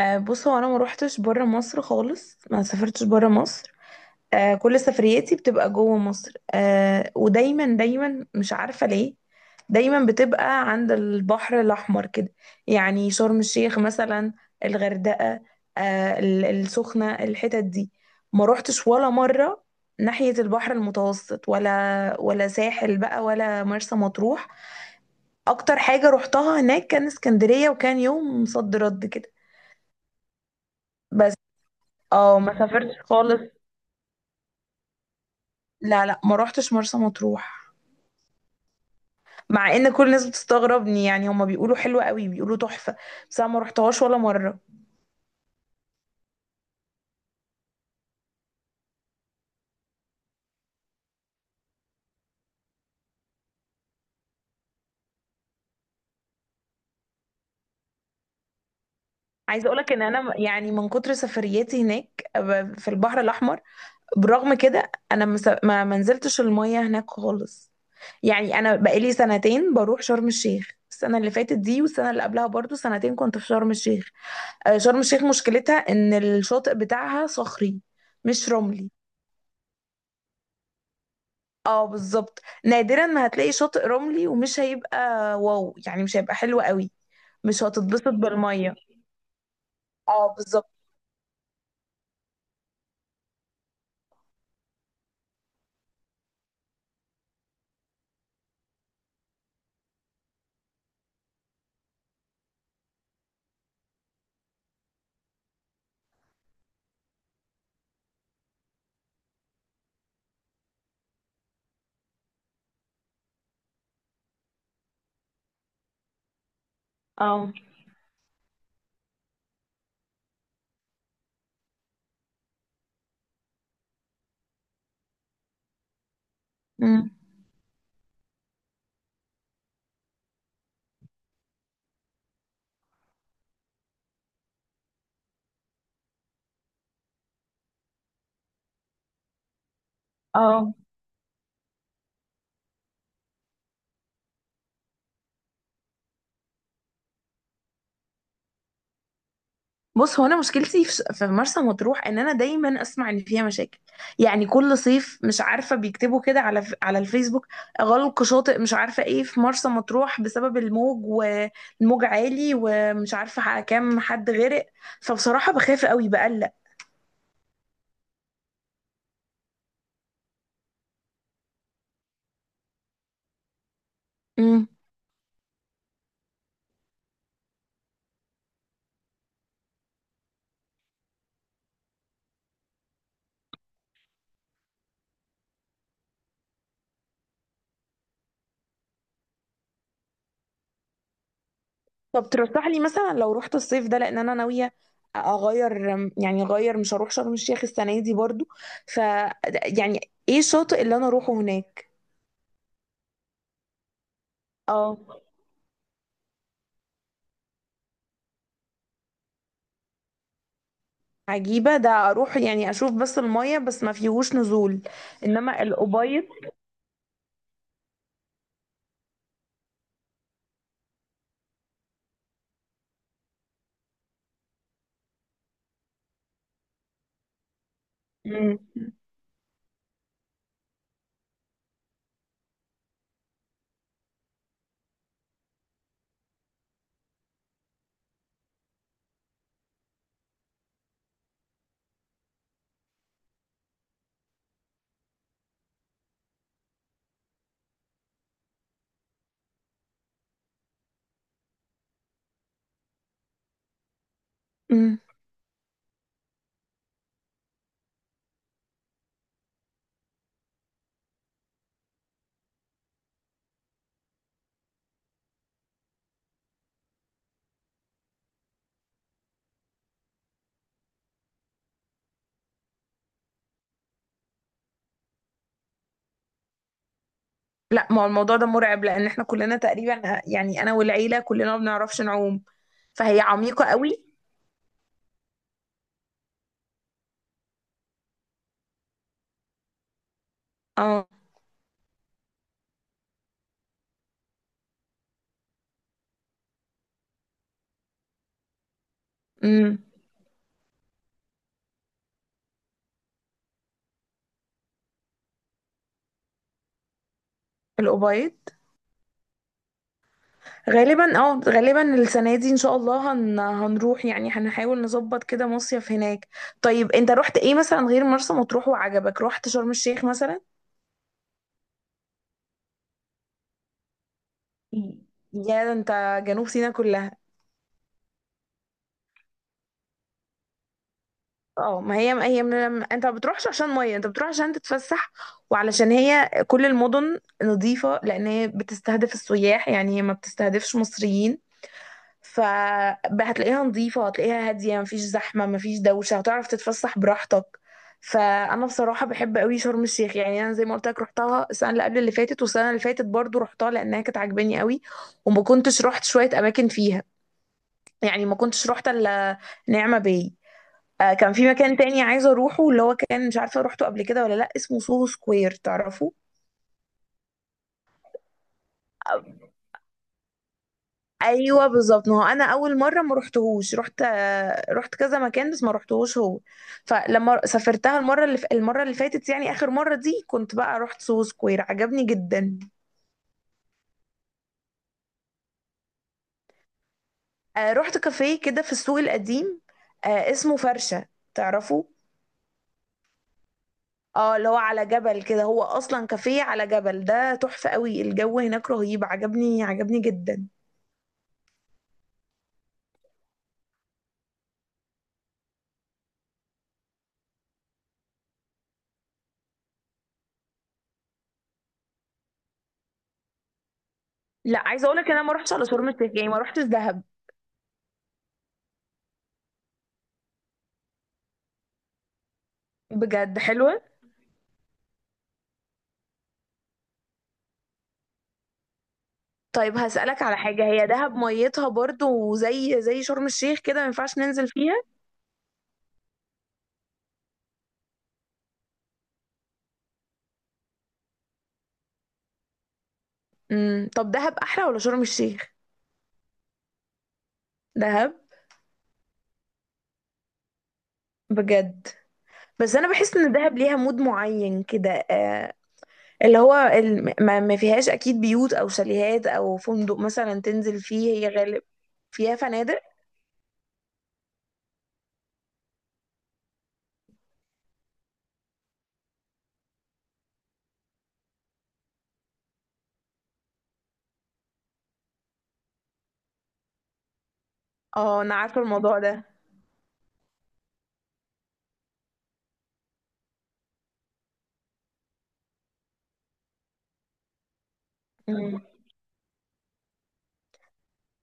بص هو انا ما روحتش بره مصر خالص، ما سافرتش بره مصر. كل سفرياتي بتبقى جوه مصر. ودايما دايما مش عارفة ليه. دايما بتبقى عند البحر الأحمر كده. يعني شرم الشيخ مثلا، الغردقة، السخنة، الحتت دي ما روحتش ولا مرة. ناحية البحر المتوسط ولا ساحل بقى، ولا مرسى مطروح. أكتر حاجة روحتها هناك كان اسكندرية، وكان يوم صد رد كده بس. اه، ما سافرتش خالص، لا لا، ما روحتش مرسى مطروح. مع ان كل الناس بتستغربني. يعني هما بيقولوا حلوة قوي، بيقولوا تحفة. بس انا ما روحتهاش ولا مرة. عايزة اقولك ان انا يعني من كتر سفرياتي هناك في البحر الاحمر، برغم كده انا ما منزلتش المية هناك خالص. يعني انا بقالي 2 سنين شرم الشيخ. السنة اللي فاتت دي والسنة اللي قبلها برضو 2 سنين كنت في شرم الشيخ. شرم الشيخ مشكلتها ان الشاطئ بتاعها صخري، مش رملي. اه بالظبط، نادرا ما هتلاقي شاطئ رملي. ومش هيبقى واو، يعني مش هيبقى حلو قوي. مش هتتبسط بالميه. اه بالظبط. اه. مم. اه، بص هو انا مشكلتي في مرسى مطروح ان انا دايما اسمع ان فيها مشاكل. يعني كل صيف مش عارفه بيكتبوا كده على الفيسبوك: غلق شاطئ مش عارفه ايه في مرسى مطروح بسبب الموج، والموج عالي، ومش عارفه كام حد غرق. فبصراحه بخاف قوي، بقلق. طب ترشح لي مثلا لو رحت الصيف ده، لان انا ناويه اغير. يعني اغير، مش هروح شرم الشيخ السنه دي برضو. ف يعني ايه الشاطئ اللي انا اروحه هناك؟ اه. عجيبه ده اروح يعني اشوف بس الميه، بس ما فيهوش نزول. انما الابيض. مم. مم. لا، ما هو الموضوع ده مرعب. لان احنا كلنا تقريبا، يعني انا والعيله كلنا ما بنعرفش نعوم، فهي عميقه قوي. اه. امم. الابيض. غالبا اه، غالبا السنة دي ان شاء الله هنروح، يعني هنحاول نظبط كده مصيف هناك. طيب انت رحت ايه مثلا غير مرسى مطروح وعجبك؟ رحت شرم الشيخ مثلا؟ يا، ده انت جنوب سيناء كلها. اه، ما هي من انت ما بتروحش عشان ميه، انت بتروح عشان تتفسح. وعلشان هي كل المدن نظيفة، لان هي بتستهدف السياح، يعني هي ما بتستهدفش مصريين. ف هتلاقيها نظيفة، هتلاقيها هادية، مفيش زحمة، مفيش دوشة، هتعرف تتفسح براحتك. فأنا بصراحة بحب قوي شرم الشيخ. يعني أنا زي ما قلت لك، رحتها السنة اللي قبل اللي فاتت، والسنة اللي فاتت برضو رحتها، لأنها كانت عاجباني قوي. وما كنتش رحت شوية أماكن فيها، يعني ما كنتش رحت إلا نعمة باي. كان في مكان تاني عايزة أروحه اللي هو كان مش عارفة روحته قبل كده ولا لأ، اسمه سوهو سكوير، تعرفه؟ ايوه بالظبط. ما هو انا اول مره ما رحتهوش. رحت كذا مكان، بس ما رحتهوش هو. فلما سافرتها المره اللي فاتت، يعني اخر مره دي، كنت بقى رحت سو سكوير، عجبني جدا. آه، رحت كافيه كده في السوق القديم، آه اسمه فرشه، تعرفه؟ اه، اللي هو على جبل كده. هو اصلا كافيه على جبل، ده تحفه قوي. الجو هناك رهيب، عجبني عجبني جدا. لا، عايزه اقول لك انا ما رحتش على شرم الشيخ، يعني ما رحتش دهب. بجد حلوه. طيب هسألك على حاجة: هي دهب ميتها برضو زي شرم الشيخ كده، ما ينفعش ننزل فيها؟ امم. طب دهب أحلى ولا شرم الشيخ؟ دهب؟ بجد؟ بس أنا بحس إن دهب ليها مود معين كده. اللي هو ما فيهاش أكيد بيوت أو شاليهات أو فندق مثلا تنزل فيه، هي غالب. فيها فنادق. اه، أنا عارفة الموضوع ده. مم.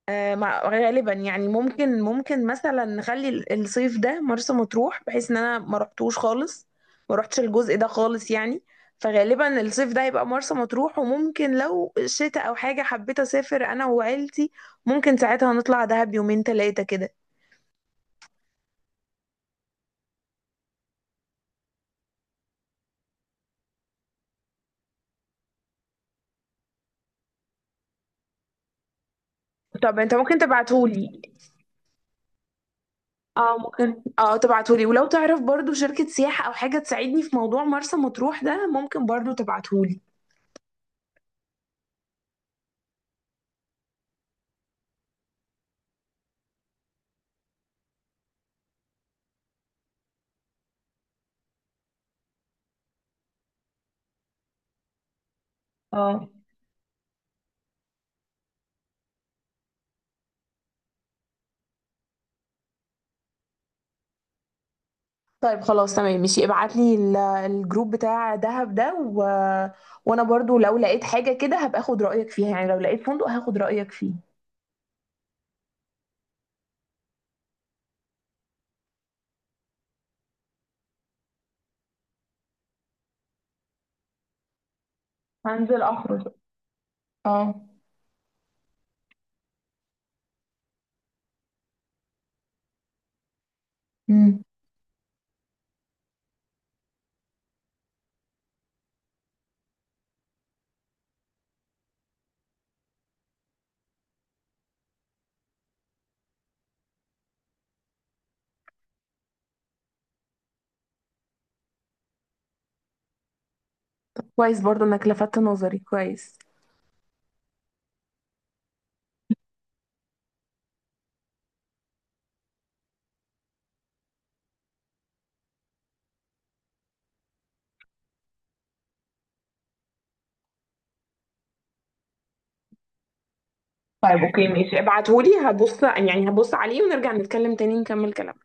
غالبا يعني، ممكن مثلا نخلي الصيف ده مرسى مطروح، بحيث ان انا ما رحتوش خالص، ما رحتش الجزء ده خالص يعني. فغالبا الصيف ده هيبقى مرسى مطروح، وممكن لو شتاء او حاجه حبيت اسافر انا وعيلتي، ممكن ساعتها نطلع دهب 2 3 أيام كده. طب انت ممكن تبعتهولي؟ اه، ممكن اه تبعتهولي. ولو تعرف برضو شركه سياحه او حاجه تساعدني في موضوع مرسى مطروح ده، ممكن برضو تبعتهولي. اه. طيب خلاص تمام ماشي، ابعت لي الجروب بتاع دهب ده و... وانا برضو لو لقيت حاجة كده هبقى اخد رأيك فيها. يعني لو لقيت فندق هاخد رأيك فيه. هنزل اخرج. اه. امم. كويس، برضو انك لفتت نظري، كويس. طيب اوكي ماشي، ابعتهولي، هبص عليه، ونرجع نتكلم تاني نكمل كلامنا.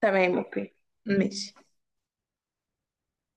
تمام، اوكي، ماشي.